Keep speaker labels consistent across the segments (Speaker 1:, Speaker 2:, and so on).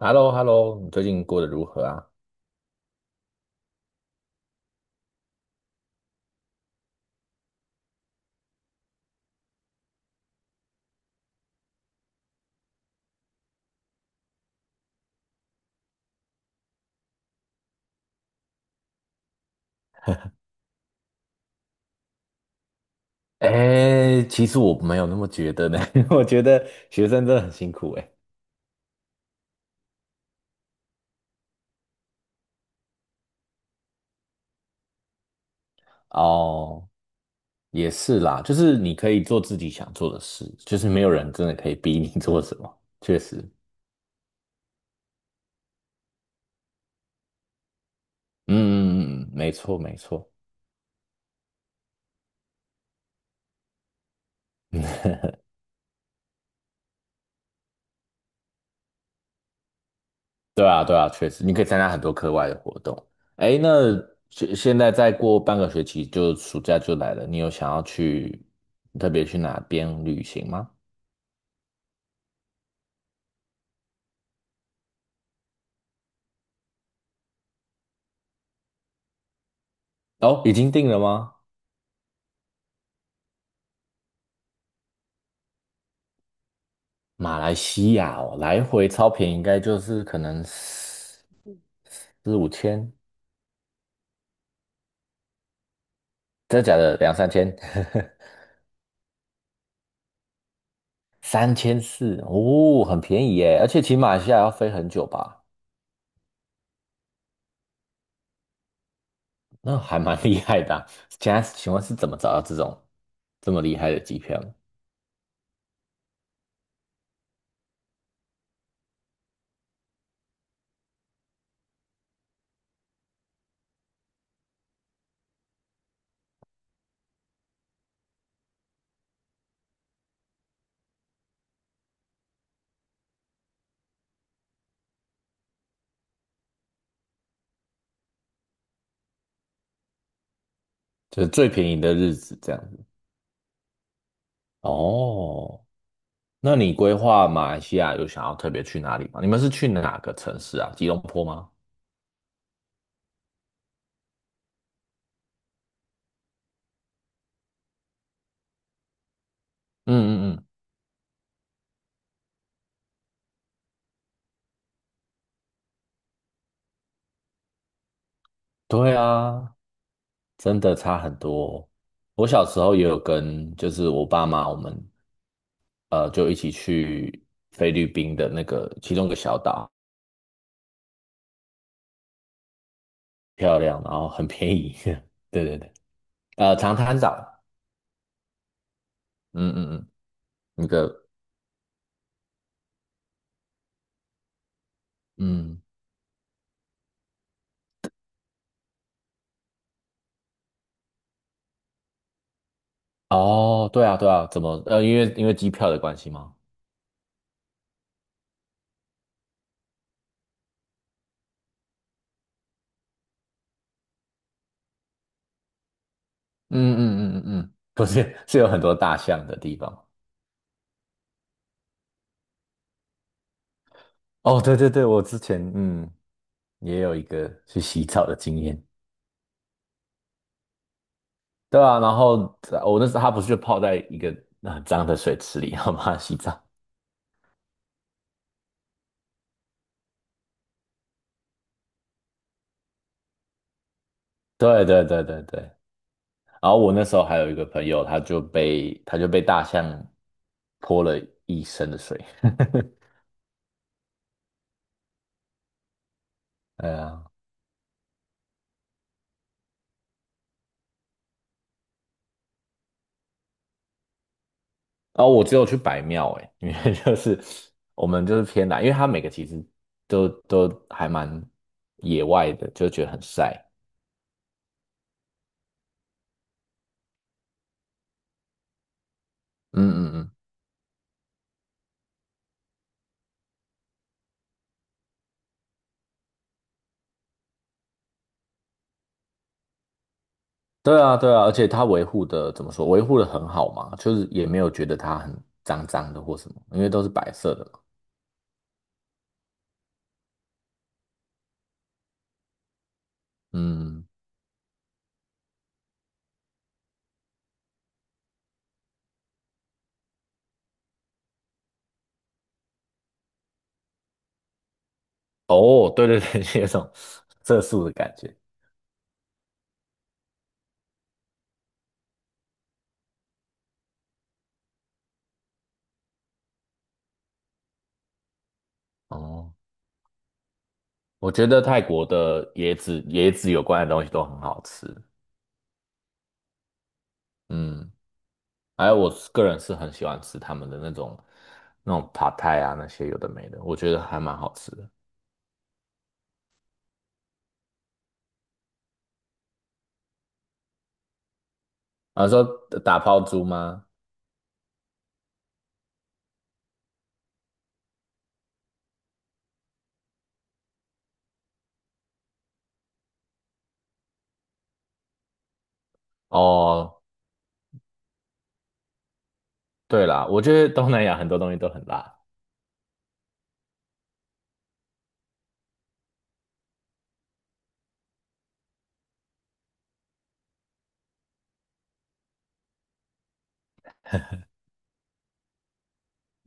Speaker 1: h e l l o h e l l o 你最近过得如何啊？哎，其实我没有那么觉得呢，我觉得学生真的很辛苦哎。哦，也是啦，就是你可以做自己想做的事，就是没有人真的可以逼你 做什么，确实。嗯嗯嗯，嗯没错没错。对啊对啊，确实，你可以参加很多课外的活动。哎，那现在再过半个学期就暑假就来了，你有想要去特别去哪边旅行吗？哦，已经定了吗？马来西亚哦，来回超便宜，应该就是可能四五千，真的假的？两三千，三千四哦，很便宜耶！而且骑马来西亚要飞很久吧？那还蛮 厉害的啊。现在请问是怎么找到这种这么厉害的机票呢？就是最便宜的日子这样子。哦，那你规划马来西亚有想要特别去哪里吗？你们是去哪个城市啊？吉隆坡吗？嗯嗯嗯，对啊，真的差很多。我小时候也有跟，就是我爸妈，我们就一起去菲律宾的那个其中一个小岛，漂亮，然后很便宜。对对对，长滩岛。嗯嗯嗯，那个，嗯。哦，对啊对啊，怎么？因为机票的关系吗？嗯嗯嗯嗯嗯，不是，是有很多大象的地方。哦，对对对，我之前也有一个去洗澡的经验。对啊，然后我那时候他不是就泡在一个很脏的水池里，然后帮他洗澡。对对对对对，然后我那时候还有一个朋友，他就被大象泼了一身的水。哎呀，然后我只有去白庙哎，因为就是 我们就是偏南，因为它每个其实都还蛮野外的，就觉得很晒。嗯嗯嗯，对啊，对啊，而且它维护的怎么说？维护的很好嘛，就是也没有觉得它很脏脏的或什么，因为都是白色的嘛。嗯，哦，对对对，有种色素的感觉。哦，我觉得泰国的椰子有关的东西都很好吃。嗯，还有我个人是很喜欢吃他们的那种 p a 啊，那些有的没的，我觉得还蛮好吃的。啊，说打泡猪吗？哦，对啦，我觉得东南亚很多东西都很辣。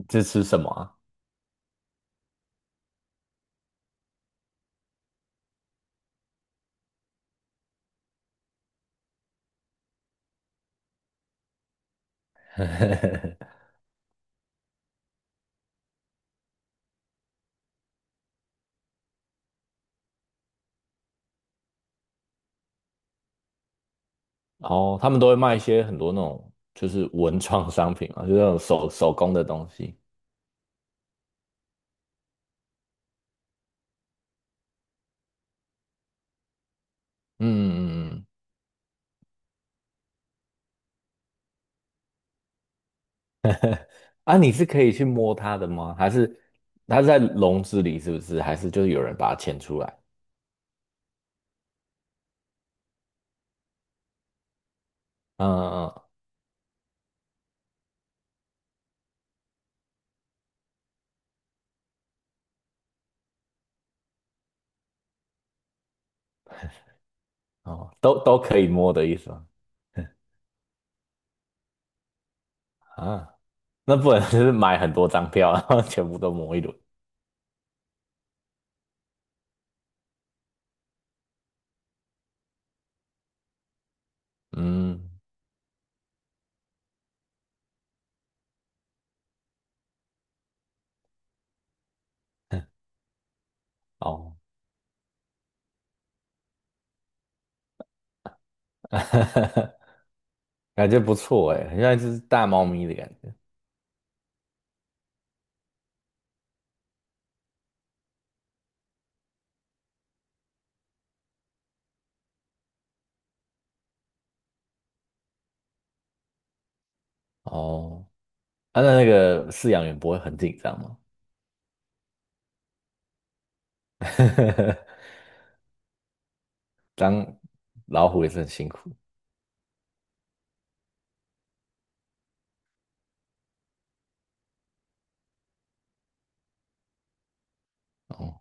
Speaker 1: 这吃什么啊？ 然后他们都会卖一些很多那种就是文创商品啊，就是那种手工的东西。嗯嗯嗯嗯，啊，你是可以去摸它的吗？还是它是在笼子里，是不是？还是就是有人把它牵出来？嗯嗯嗯，哦，都可以摸的意思吗？啊，那不能就是买很多张票，然后全部都摸一轮。嗯，哦，感觉不错哎，很像一只大猫咪的感觉。哦，啊，那个饲养员不会很紧张吗？当老虎也是很辛苦。哦，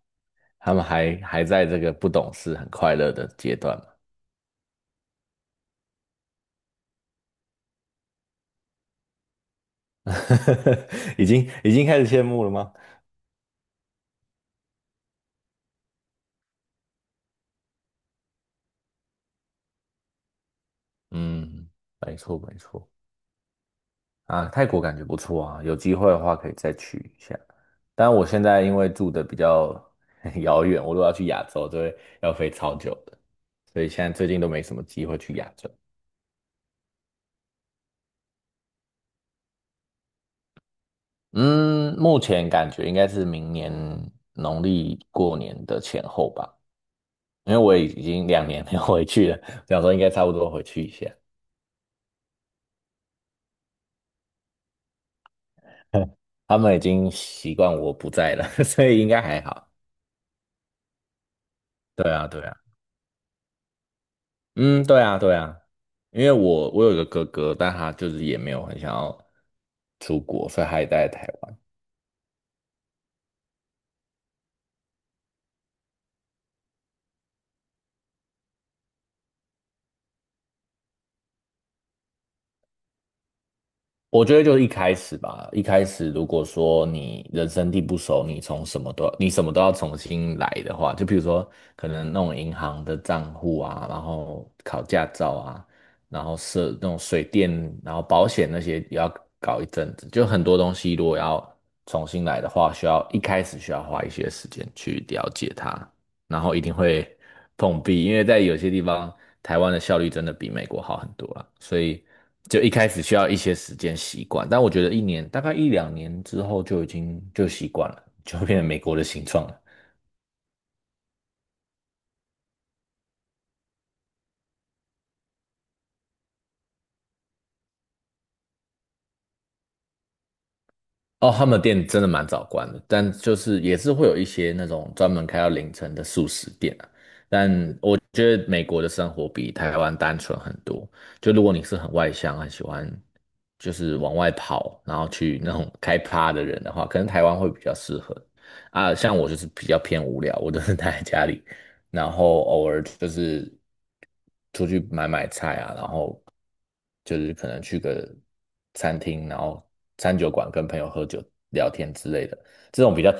Speaker 1: 他们还在这个不懂事、很快乐的阶段嘛。已经开始羡慕了吗？嗯，没错没错。啊，泰国感觉不错啊，有机会的话可以再去一下。但我现在因为住的比较 遥远，我如果要去亚洲，就会要飞超久的，所以现在最近都没什么机会去亚洲。嗯，目前感觉应该是明年农历过年的前后吧。因为我已经两年没有回去了，想说应该差不多回去一下。他们已经习惯我不在了，所以应该还好。对啊，对啊。嗯，对啊，对啊，因为我有一个哥哥，但他就是也没有很想要出国，所以他也待在台湾。我觉得就是一开始吧，一开始如果说你人生地不熟，你什么都要重新来的话，就比如说可能弄银行的账户啊，然后考驾照啊，然后设那种水电，然后保险那些也要搞一阵子，就很多东西如果要重新来的话，需要一开始需要花一些时间去了解它。然后一定会碰壁，因为在有些地方，台湾的效率真的比美国好很多啊，所以就一开始需要一些时间习惯，但我觉得一年大概一两年之后就已经就习惯了，就变成美国的形状了。哦，他们的店真的蛮早关的，但就是也是会有一些那种专门开到凌晨的素食店啊。但我觉得美国的生活比台湾单纯很多。就如果你是很外向，很喜欢就是往外跑，然后去那种开趴的人的话，可能台湾会比较适合啊。像我就是比较偏无聊，我都是待在家里，然后偶尔就是出去买买菜啊，然后就是可能去个餐厅，然后餐酒馆跟朋友喝酒聊天之类的，这种比较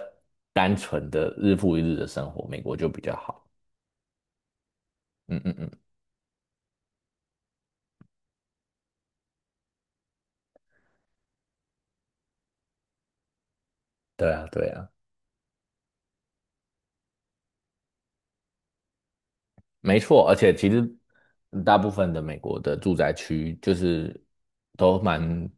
Speaker 1: 单纯的日复一日的生活，美国就比较好。嗯嗯嗯，对啊对啊。没错，而且其实大部分的美国的住宅区就是都蛮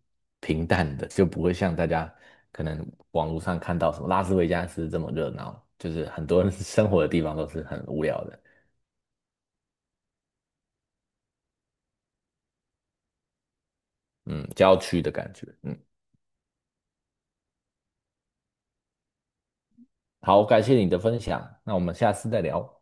Speaker 1: 平淡的，就不会像大家可能网络上看到什么拉斯维加斯这么热闹，就是很多人 生活的地方都是很无聊的。嗯，郊区的感觉。嗯，好，感谢你的分享，那我们下次再聊。